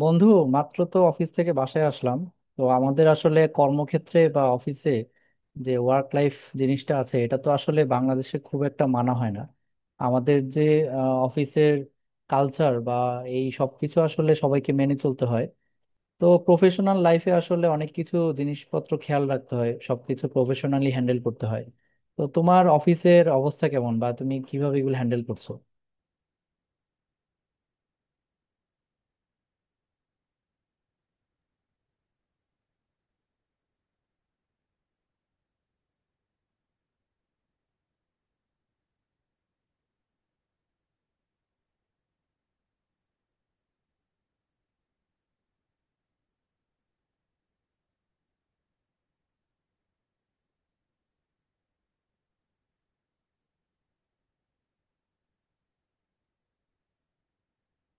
বন্ধু, মাত্র তো অফিস থেকে বাসায় আসলাম। তো আমাদের আসলে কর্মক্ষেত্রে বা অফিসে যে ওয়ার্ক লাইফ জিনিসটা আছে, এটা তো আসলে বাংলাদেশে খুব একটা মানা হয় না। আমাদের যে অফিসের কালচার বা এই সব কিছু আসলে সবাইকে মেনে চলতে হয়। তো প্রফেশনাল লাইফে আসলে অনেক কিছু জিনিসপত্র খেয়াল রাখতে হয়, সবকিছু প্রফেশনালি হ্যান্ডেল করতে হয়। তো তোমার অফিসের অবস্থা কেমন বা তুমি কিভাবে এগুলো হ্যান্ডেল করছো?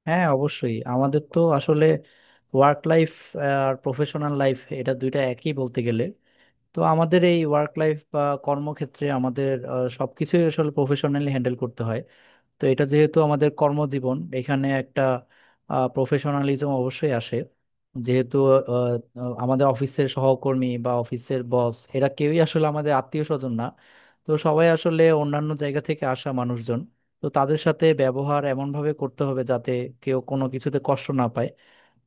হ্যাঁ, অবশ্যই আমাদের তো আসলে ওয়ার্ক লাইফ আর প্রফেশনাল লাইফ এটা দুইটা একই বলতে গেলে। তো আমাদের এই ওয়ার্ক লাইফ বা কর্মক্ষেত্রে আমাদের সবকিছুই আসলে প্রফেশনালি হ্যান্ডেল করতে হয়। তো এটা যেহেতু আমাদের কর্মজীবন, এখানে একটা প্রফেশনালিজম অবশ্যই আসে। যেহেতু আহ, আহ, আমাদের অফিসের সহকর্মী বা অফিসের বস এরা কেউই আসলে আমাদের আত্মীয় স্বজন না, তো সবাই আসলে অন্যান্য জায়গা থেকে আসা মানুষজন। তো তাদের সাথে ব্যবহার এমনভাবে করতে হবে যাতে কেউ কোনো কিছুতে কষ্ট না পায়।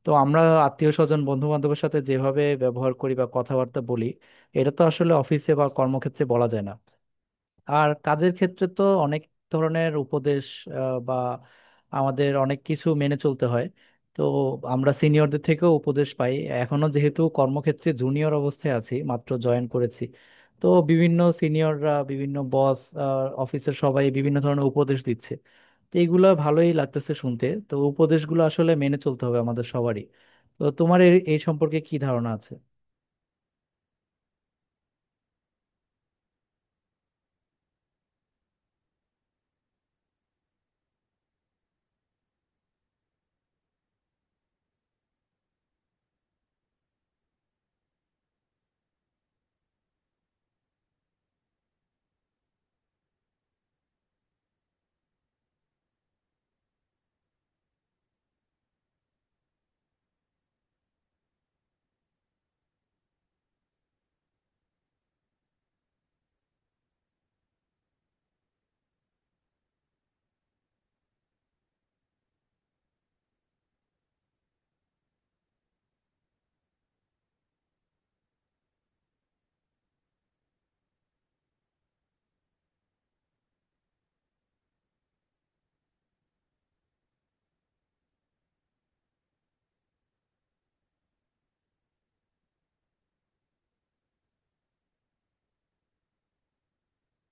তো আমরা আত্মীয় স্বজন বন্ধু বান্ধবের সাথে যেভাবে ব্যবহার করি বা কথাবার্তা বলি, এটা তো আসলে অফিসে বা কর্মক্ষেত্রে বলা যায় না। আর কাজের ক্ষেত্রে তো অনেক ধরনের উপদেশ বা আমাদের অনেক কিছু মেনে চলতে হয়। তো আমরা সিনিয়রদের থেকেও উপদেশ পাই, এখনো যেহেতু কর্মক্ষেত্রে জুনিয়র অবস্থায় আছি, মাত্র জয়েন করেছি। তো বিভিন্ন সিনিয়ররা, বিভিন্ন বস, অফিসের সবাই বিভিন্ন ধরনের উপদেশ দিচ্ছে। তো এইগুলো ভালোই লাগতেছে শুনতে, তো উপদেশগুলো আসলে মেনে চলতে হবে আমাদের সবারই। তো তোমার এ এই সম্পর্কে কি ধারণা আছে?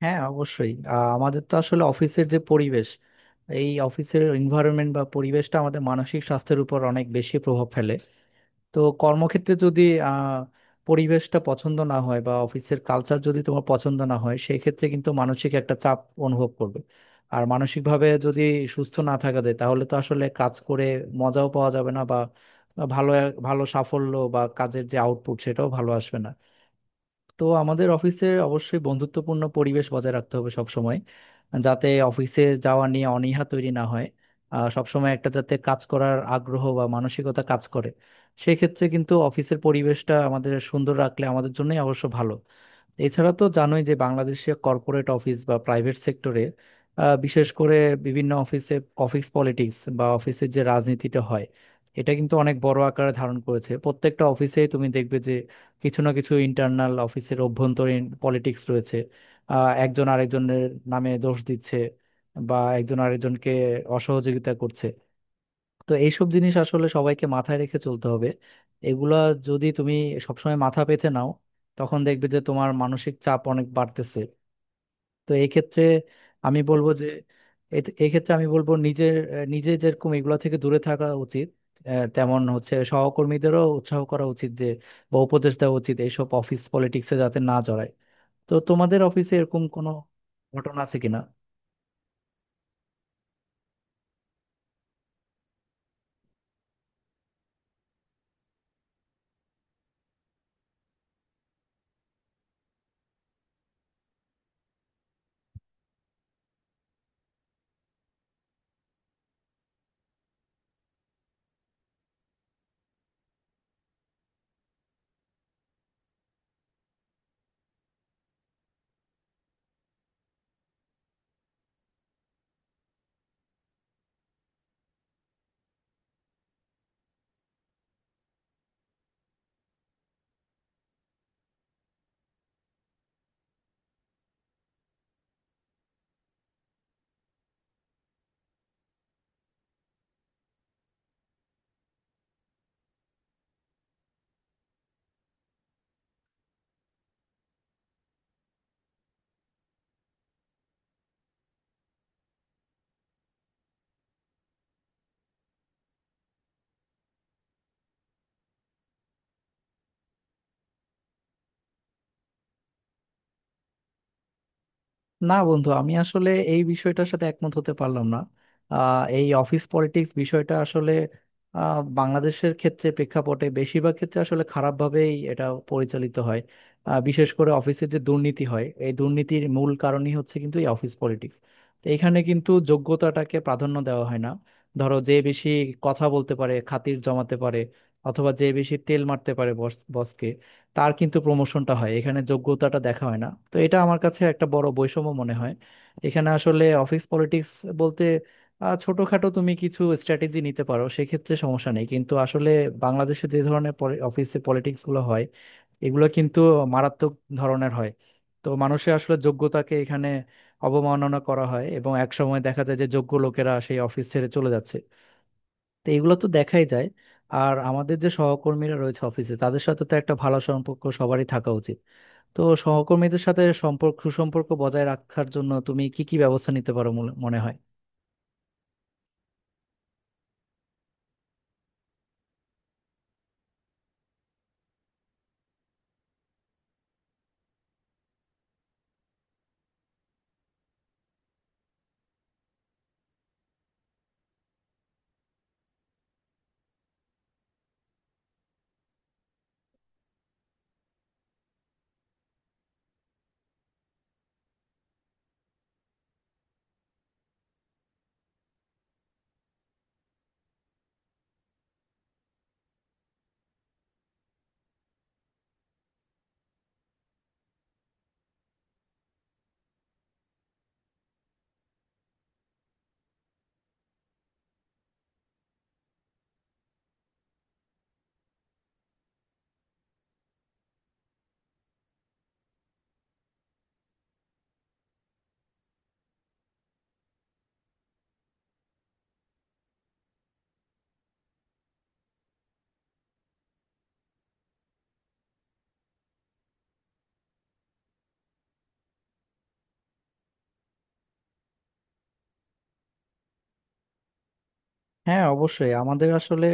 হ্যাঁ, অবশ্যই। আমাদের তো আসলে অফিসের যে পরিবেশ, এই অফিসের এনভায়রনমেন্ট বা পরিবেশটা আমাদের মানসিক স্বাস্থ্যের উপর অনেক বেশি প্রভাব ফেলে। তো কর্মক্ষেত্রে যদি আহ, পরিবেশটা পছন্দ না হয় বা অফিসের কালচার যদি তোমার পছন্দ না হয়, সেই ক্ষেত্রে কিন্তু মানসিক একটা চাপ অনুভব করবে। আর মানসিকভাবে যদি সুস্থ না থাকা যায় তাহলে তো আসলে কাজ করে মজাও পাওয়া যাবে না, বা বা ভালো ভালো সাফল্য বা কাজের যে আউটপুট সেটাও ভালো আসবে না। তো আমাদের অফিসে অবশ্যই বন্ধুত্বপূর্ণ পরিবেশ বজায় রাখতে হবে সব সময়, যাতে অফিসে যাওয়া নিয়ে অনীহা তৈরি না হয়, সব সময় একটা যাতে কাজ করার আগ্রহ বা মানসিকতা কাজ করে। সেক্ষেত্রে কিন্তু অফিসের পরিবেশটা আমাদের সুন্দর রাখলে আমাদের জন্যই অবশ্য ভালো। এছাড়া তো জানোই যে বাংলাদেশে কর্পোরেট অফিস বা প্রাইভেট সেক্টরে, বিশেষ করে বিভিন্ন অফিসে, অফিস পলিটিক্স বা অফিসের যে রাজনীতিটা হয় এটা কিন্তু অনেক বড় আকারে ধারণ করেছে। প্রত্যেকটা অফিসে তুমি দেখবে কিছু না কিছু ইন্টারনাল অফিসের অভ্যন্তরীণ পলিটিক্স রয়েছে। একজন আরেকজনের নামে দোষ দিচ্ছে বা একজন আরেকজনকে অসহযোগিতা করছে। তো এইসব জিনিস আসলে সবাইকে মাথায় রেখে চলতে হবে। এগুলা যদি তুমি সবসময় মাথা পেতে নাও, তখন দেখবে যে তোমার মানসিক চাপ অনেক বাড়তেছে। তো এই ক্ষেত্রে আমি বলবো যে এ- এই ক্ষেত্রে আমি বলবো নিজের আহ, নিজে যেরকম এগুলা থেকে দূরে থাকা উচিত, তেমন হচ্ছে সহকর্মীদেরও উৎসাহ করা উচিত যে বা উপদেশ দেওয়া উচিত এইসব অফিস পলিটিক্সে যাতে না জড়ায়। তো তোমাদের অফিসে এরকম কোনো ঘটনা আছে কিনা? না বন্ধু, আমি আসলে এই বিষয়টার সাথে একমত হতে পারলাম না। এই অফিস পলিটিক্স বিষয়টা আসলে বাংলাদেশের ক্ষেত্রে প্রেক্ষাপটে বেশিরভাগ ক্ষেত্রে আসলে খারাপভাবেই এটা পরিচালিত হয়। বিশেষ করে অফিসে যে দুর্নীতি হয়, এই দুর্নীতির মূল কারণই হচ্ছে কিন্তু এই অফিস পলিটিক্স। তো এখানে কিন্তু যোগ্যতাটাকে প্রাধান্য দেওয়া হয় না। ধরো, যে বেশি কথা বলতে পারে, খাতির জমাতে পারে, অথবা যে বেশি তেল মারতে পারে বস বসকে, তার কিন্তু প্রমোশনটা হয়, এখানে যোগ্যতাটা দেখা হয় না। তো এটা আমার কাছে একটা বড় বৈষম্য মনে হয়। এখানে আসলে অফিস পলিটিক্স বলতে ছোটখাটো তুমি কিছু স্ট্র্যাটেজি নিতে পারো, সেক্ষেত্রে সমস্যা নেই, কিন্তু আসলে বাংলাদেশে যে ধরনের অফিসে পলিটিক্স গুলো হয় এগুলো কিন্তু মারাত্মক ধরনের হয়। তো মানুষের আসলে যোগ্যতাকে এখানে অবমাননা করা হয় এবং একসময় দেখা যায় যে যোগ্য লোকেরা সেই অফিস ছেড়ে চলে যাচ্ছে। তো এগুলো তো দেখাই যায়। আর আমাদের যে সহকর্মীরা রয়েছে অফিসে তাদের সাথে তো একটা ভালো সম্পর্ক সবারই থাকা উচিত। তো সহকর্মীদের সাথে সম্পর্ক সুসম্পর্ক বজায় রাখার জন্য তুমি কি কি ব্যবস্থা নিতে পারো মনে মনে হয়? হ্যাঁ, অবশ্যই আমাদের আসলে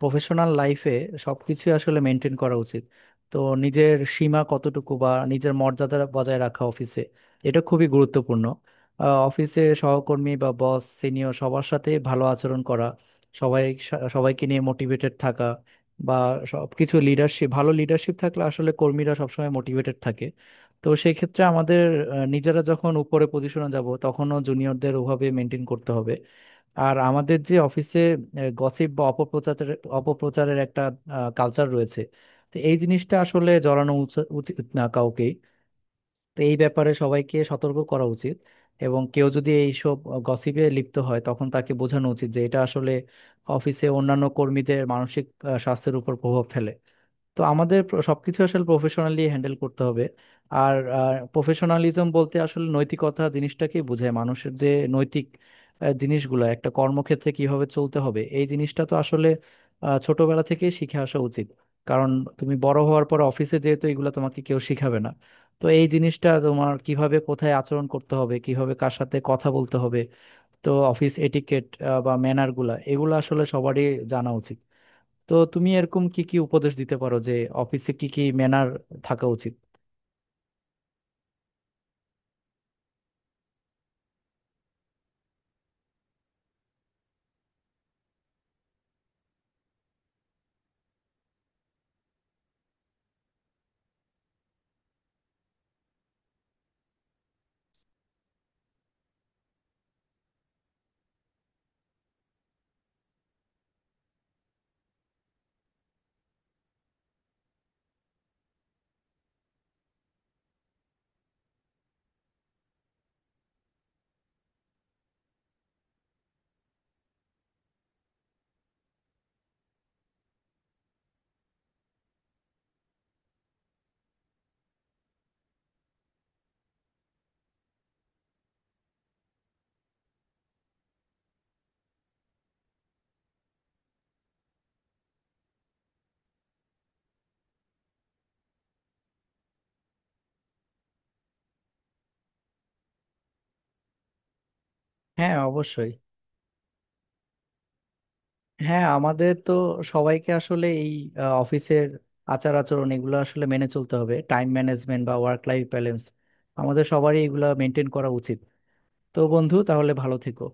প্রফেশনাল লাইফে সবকিছু আসলে মেনটেন করা উচিত। তো নিজের সীমা কতটুকু বা নিজের মর্যাদা বজায় রাখা অফিসে, এটা খুবই গুরুত্বপূর্ণ। অফিসে সহকর্মী বা বস সিনিয়র সবার সাথে ভালো আচরণ করা, সবাই সবাইকে নিয়ে মোটিভেটেড থাকা, বা সবকিছু লিডারশিপ, ভালো লিডারশিপ থাকলে আসলে কর্মীরা সবসময় মোটিভেটেড থাকে। তো সেই ক্ষেত্রে আমাদের নিজেরা যখন উপরে পজিশনে যাব তখনও জুনিয়রদের ওভাবে মেনটেন করতে হবে। আর আমাদের যে অফিসে গসিপ বা অপপ্রচারের অপপ্রচারের একটা কালচার রয়েছে, তো এই জিনিসটা আসলে জড়ানো উচিত না কাউকেই। তো এই ব্যাপারে সবাইকে সতর্ক করা উচিত এবং কেউ যদি এইসব গসিপে লিপ্ত হয় তখন তাকে বোঝানো উচিত যে এটা আসলে অফিসে অন্যান্য কর্মীদের মানসিক স্বাস্থ্যের উপর প্রভাব ফেলে। তো আমাদের সবকিছু আসলে প্রফেশনালি হ্যান্ডেল করতে হবে। আর প্রফেশনালিজম বলতে আসলে নৈতিকতা জিনিসটাকে বোঝায়, মানুষের যে নৈতিক জিনিসগুলো একটা কর্মক্ষেত্রে কিভাবে চলতে হবে, এই জিনিসটা তো আসলে ছোটবেলা থেকে শিখে আসা উচিত। কারণ তুমি বড় হওয়ার পর অফিসে যেহেতু এগুলো তোমাকে কেউ শিখাবে না, তো এই জিনিসটা তোমার কিভাবে কোথায় আচরণ করতে হবে, কিভাবে কার সাথে কথা বলতে হবে, তো অফিস এটিকেট বা ম্যানারগুলা এগুলো আসলে সবারই জানা উচিত। তো তুমি এরকম কি কি উপদেশ দিতে পারো যে অফিসে কি কি ম্যানার থাকা উচিত? হ্যাঁ, অবশ্যই। হ্যাঁ, আমাদের তো সবাইকে আসলে এই অফিসের আচার আচরণ এগুলো আসলে মেনে চলতে হবে, টাইম ম্যানেজমেন্ট বা ওয়ার্ক লাইফ ব্যালেন্স আমাদের সবারই এগুলো মেনটেন করা উচিত। তো বন্ধু, তাহলে ভালো থেকো।